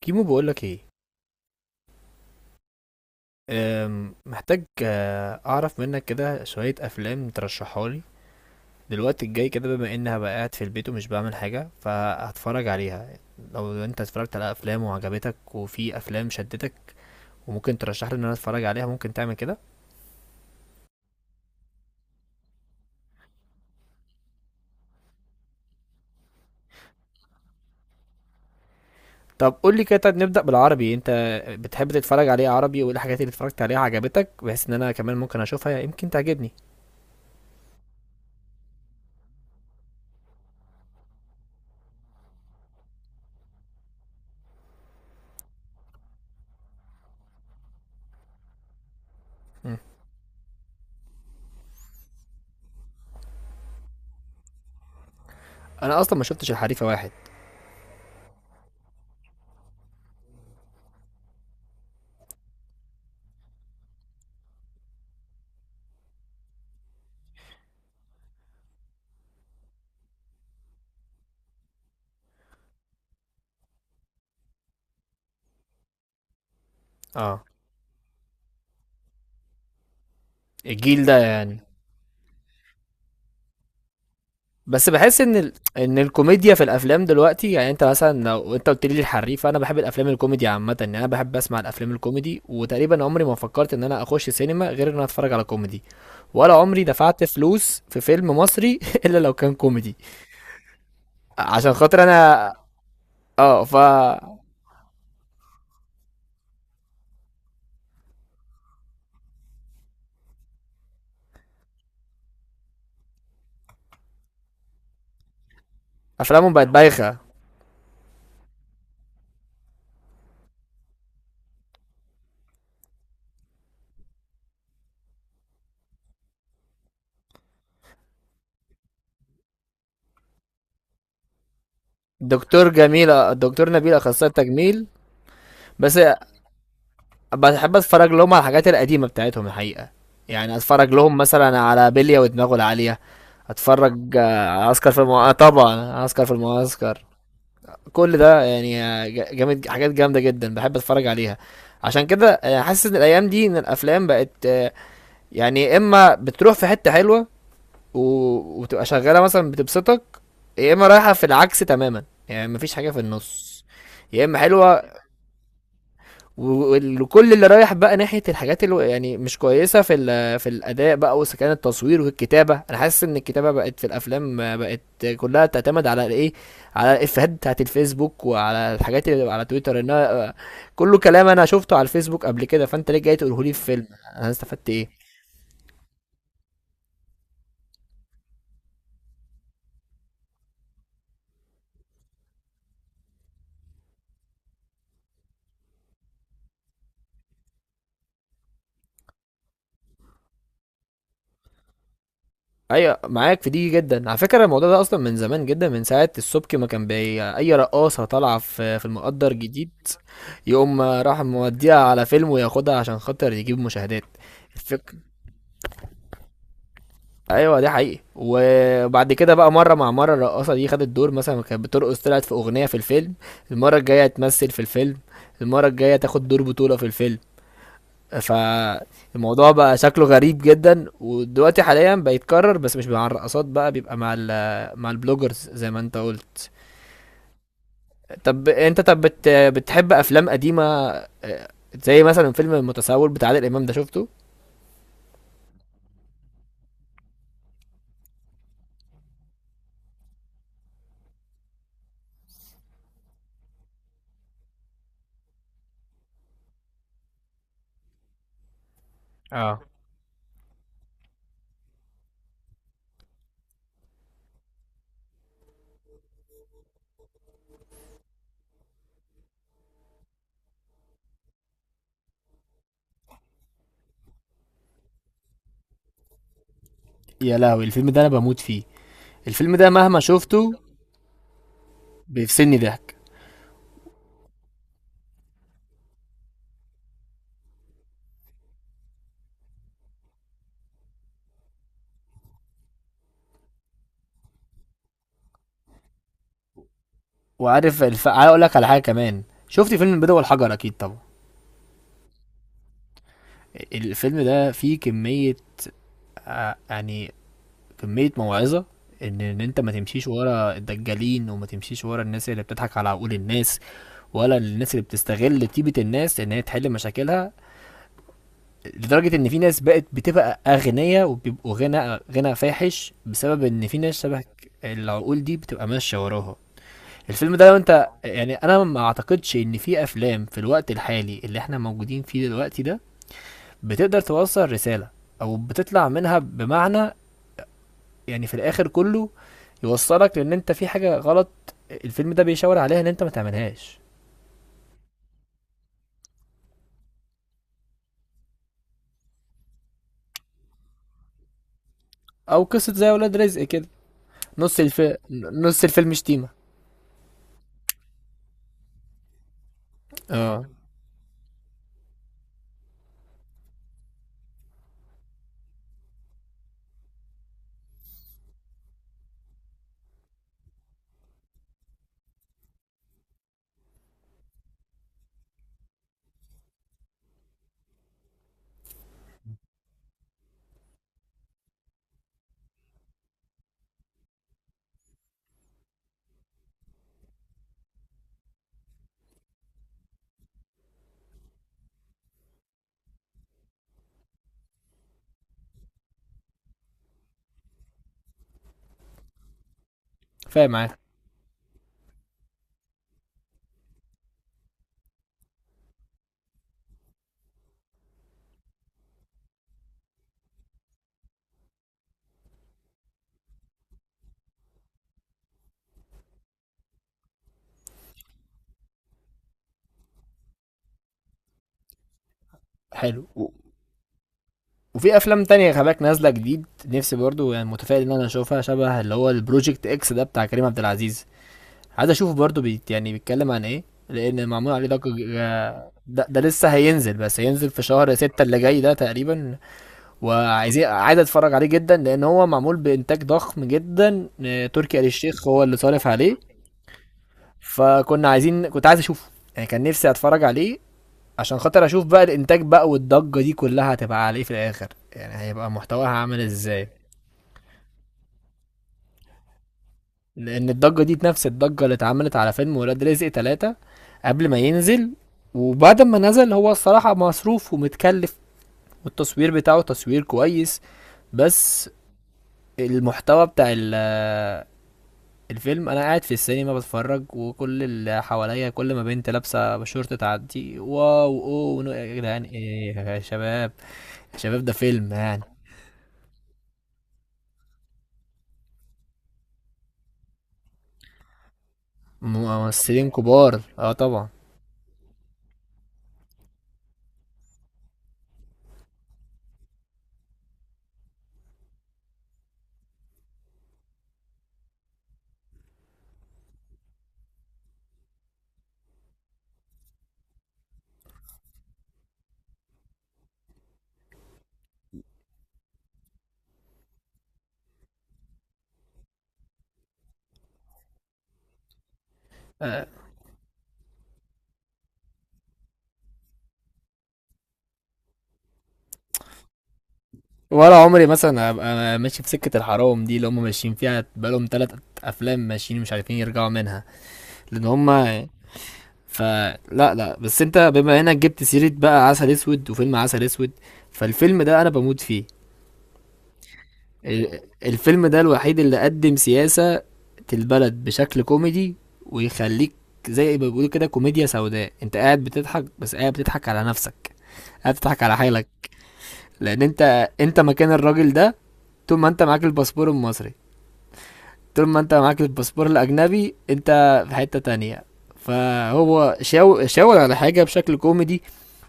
كيمو، بقولك ايه؟ محتاج، اعرف منك كده شوية افلام ترشحها لي. دلوقتي الجاي كده، بما ان هبقى قاعد في البيت ومش بعمل حاجة، فهتفرج عليها. لو انت اتفرجت على افلام وعجبتك، وفي افلام شدتك وممكن ترشح لي ان انا اتفرج عليها، ممكن تعمل كده؟ طب قول لي كده. طيب نبدأ بالعربي. انت بتحب تتفرج عليه عربي، وايه الحاجات اللي اتفرجت عليها عجبتك، بحيث ان انا كمان ممكن اشوفها يمكن تعجبني. مم. انا اصلا ما شفتش الحريفة واحد. اه، الجيل ده يعني. بس بحس ان ال... ان الكوميديا في الافلام دلوقتي، يعني انت مثلا لو انت قلت لي الحريف، انا بحب الافلام الكوميدي عامه. يعني انا بحب اسمع الافلام الكوميدي، وتقريبا عمري ما فكرت ان انا اخش سينما غير ان انا اتفرج على كوميدي. ولا عمري دفعت فلوس في فيلم مصري الا لو كان كوميدي. عشان خاطر انا. اه، ف، افلامهم بقت بايخه. دكتور جميل، دكتور نبيل اخصائي تجميل. بس بحب اتفرج لهم على الحاجات القديمه بتاعتهم الحقيقه. يعني اتفرج لهم مثلا على بلية ودماغه العاليه، اتفرج على عسكر في المعسكر. طبعا عسكر في المعسكر. كل ده يعني، جامد، حاجات جامده جدا بحب اتفرج عليها. عشان كده حاسس ان الايام دي ان الافلام بقت، يعني يا اما بتروح في حته حلوه، وبتبقى شغاله مثلا بتبسطك، يا اما رايحه في العكس تماما. يعني مفيش حاجه في النص، يا اما حلوه. وكل اللي رايح بقى ناحيه الحاجات اللي يعني مش كويسه في في الاداء بقى، وإذا كان التصوير والكتابه، انا حاسس ان الكتابه بقت في الافلام، بقت كلها تعتمد على الايه، على الافيهات بتاعت الفيسبوك وعلى الحاجات اللي على تويتر. انها كله كلام انا شفته على الفيسبوك قبل كده، فانت ليه جاي تقوله لي في فيلم؟ انا استفدت ايه؟ ايوه، معاك في دي جدا. على فكره الموضوع ده اصلا من زمان جدا، من ساعه السبكي ما كان بي اي رقاصه طالعه في المقدر جديد، يقوم راح موديها على فيلم وياخدها عشان خاطر يجيب مشاهدات. الفكرة ايوه، ده حقيقي. وبعد كده بقى مره مع مره، الرقاصه دي خدت دور، مثلا كانت بترقص طلعت في اغنيه في الفيلم، المره الجايه تمثل في الفيلم، المره الجايه تاخد دور بطوله في الفيلم. فالموضوع بقى شكله غريب جدا، ودلوقتي حاليا بيتكرر، بس مش مع الرقصات بقى، بيبقى مع مع البلوجرز زي ما انت قلت. طب انت طب بت- بتحب افلام قديمه؟ آه، زي مثلا فيلم المتسول بتاع عادل امام ده، شفته؟ اه، يا لهوي، الفيلم ده انا بموت فيه. الفيلم ده مهما شفته بيفصلني ضحك. عايز اقول لك على حاجه كمان. شفت فيلم البيضه والحجر؟ اكيد طبعا. الفيلم ده فيه كميه، يعني كمية موعظة، ان ان انت ما تمشيش ورا الدجالين، وما تمشيش ورا الناس اللي بتضحك على عقول الناس، ولا الناس اللي بتستغل طيبة الناس ان هي تحل مشاكلها، لدرجة ان في ناس بقت بتبقى اغنياء وبيبقوا غنى غنى فاحش بسبب ان في ناس شبه العقول دي بتبقى ماشية وراها. الفيلم ده، لو انت يعني، انا ما اعتقدش ان في افلام في الوقت الحالي اللي احنا موجودين فيه دلوقتي ده بتقدر توصل رسالة، او بتطلع منها بمعنى، يعني في الاخر كله يوصلك لان انت في حاجه غلط، الفيلم ده بيشاور عليها ان انت ما تعملهاش. او قصه زي ولاد رزق كده، نص الف... نص الفيلم شتيمه. اه، فاهم معاك. حلو و... وفي افلام تانية خلي بالك نازله جديد، نفسي برضو يعني متفائل ان انا اشوفها، شبه اللي هو البروجكت اكس ده بتاع كريم عبد العزيز. عايز اشوفه برضو، بيت يعني بيتكلم عن ايه، لان معمول عليه ضجه. ده لسه هينزل، بس هينزل في شهر ستة اللي جاي ده تقريبا. عايز اتفرج عليه جدا، لان هو معمول بانتاج ضخم جدا. تركي آل الشيخ هو اللي صارف عليه. فكنا عايزين كنت عايز اشوفه، يعني كان نفسي اتفرج عليه، عشان خاطر اشوف بقى الانتاج بقى والضجة دي كلها هتبقى على ايه في الاخر، يعني هيبقى محتواها عامل ازاي. لان الضجة دي نفس الضجة اللي اتعملت على فيلم ولاد رزق تلاتة قبل ما ينزل، وبعد ما نزل، هو الصراحة مصروف ومتكلف، والتصوير بتاعه تصوير كويس، بس المحتوى بتاع الفيلم، انا قاعد في السينما بتفرج، وكل اللي حواليا كل ما بنت لابسه شورت تعدي: واو، اوه، يا جدعان، ايه يا شباب، يا شباب ده فيلم يعني. ممثلين كبار، اه طبعا. آه، ولا عمري مثلا ابقى ماشي في سكه الحرام دي اللي هم ماشيين فيها بقالهم ثلاث افلام، ماشيين مش عارفين يرجعوا منها لان هم، فلا لا لا، بس انت بما انك جبت سيره بقى عسل اسود، وفيلم عسل اسود، فالفيلم ده انا بموت فيه. الفيلم ده الوحيد اللي قدم سياسة البلد بشكل كوميدي، ويخليك زي ما بيقولوا كده كوميديا سوداء، انت قاعد بتضحك، بس قاعد بتضحك على نفسك، قاعد بتضحك على حالك، لان انت انت مكان الراجل ده. طول ما انت معاك الباسبور المصري، طول ما انت معاك الباسبور الاجنبي انت في حتة تانية. فهو شاور على حاجة بشكل كوميدي.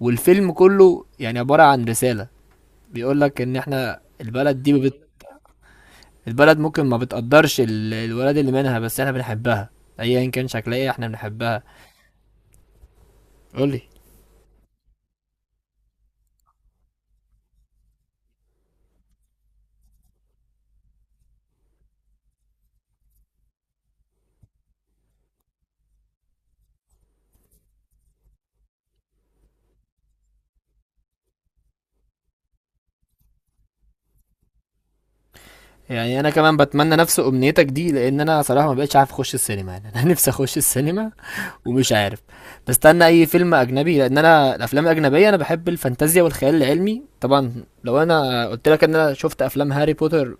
والفيلم كله يعني عبارة عن رسالة بيقولك ان احنا البلد دي، البلد ممكن ما بتقدرش الولاد اللي منها، بس احنا بنحبها ايا كان شكلها ايه، احنا بنحبها. قولي. يعني انا كمان بتمنى نفس امنيتك دي، لان انا صراحه ما بقتش عارف اخش السينما، يعني انا نفسي اخش السينما ومش عارف. بستنى اي فيلم اجنبي، لان انا الافلام الاجنبيه، انا بحب الفانتازيا والخيال العلمي طبعا. لو انا قلت لك ان انا شفت افلام هاري بوتر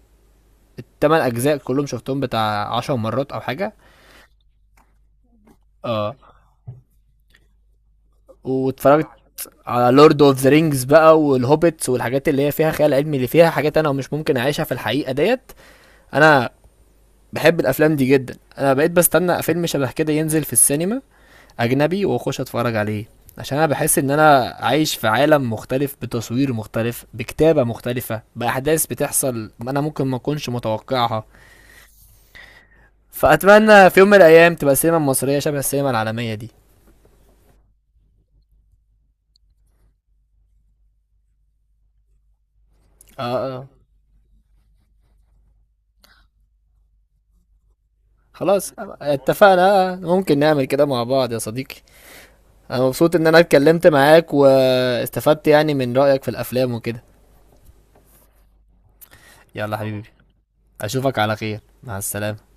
الثمان اجزاء كلهم، شفتهم بتاع 10 مرات او حاجه. اه. واتفرجت على لورد اوف ذا رينجز بقى والهوبيتس والحاجات اللي هي فيها خيال علمي، اللي فيها حاجات انا مش ممكن اعيشها في الحقيقه ديت. انا بحب الافلام دي جدا، انا بقيت بستنى فيلم شبه كده ينزل في السينما اجنبي واخش اتفرج عليه، عشان انا بحس ان انا عايش في عالم مختلف، بتصوير مختلف، بكتابه مختلفه، باحداث بتحصل انا ممكن ما اكونش متوقعها. فاتمنى في يوم من الايام تبقى السينما المصريه شبه السينما العالميه دي. اه اه، خلاص اتفقنا، ممكن نعمل كده مع بعض يا صديقي. انا مبسوط ان انا اتكلمت معاك، واستفدت يعني من رأيك في الافلام وكده. يلا حبيبي، اشوفك على خير، مع السلامة.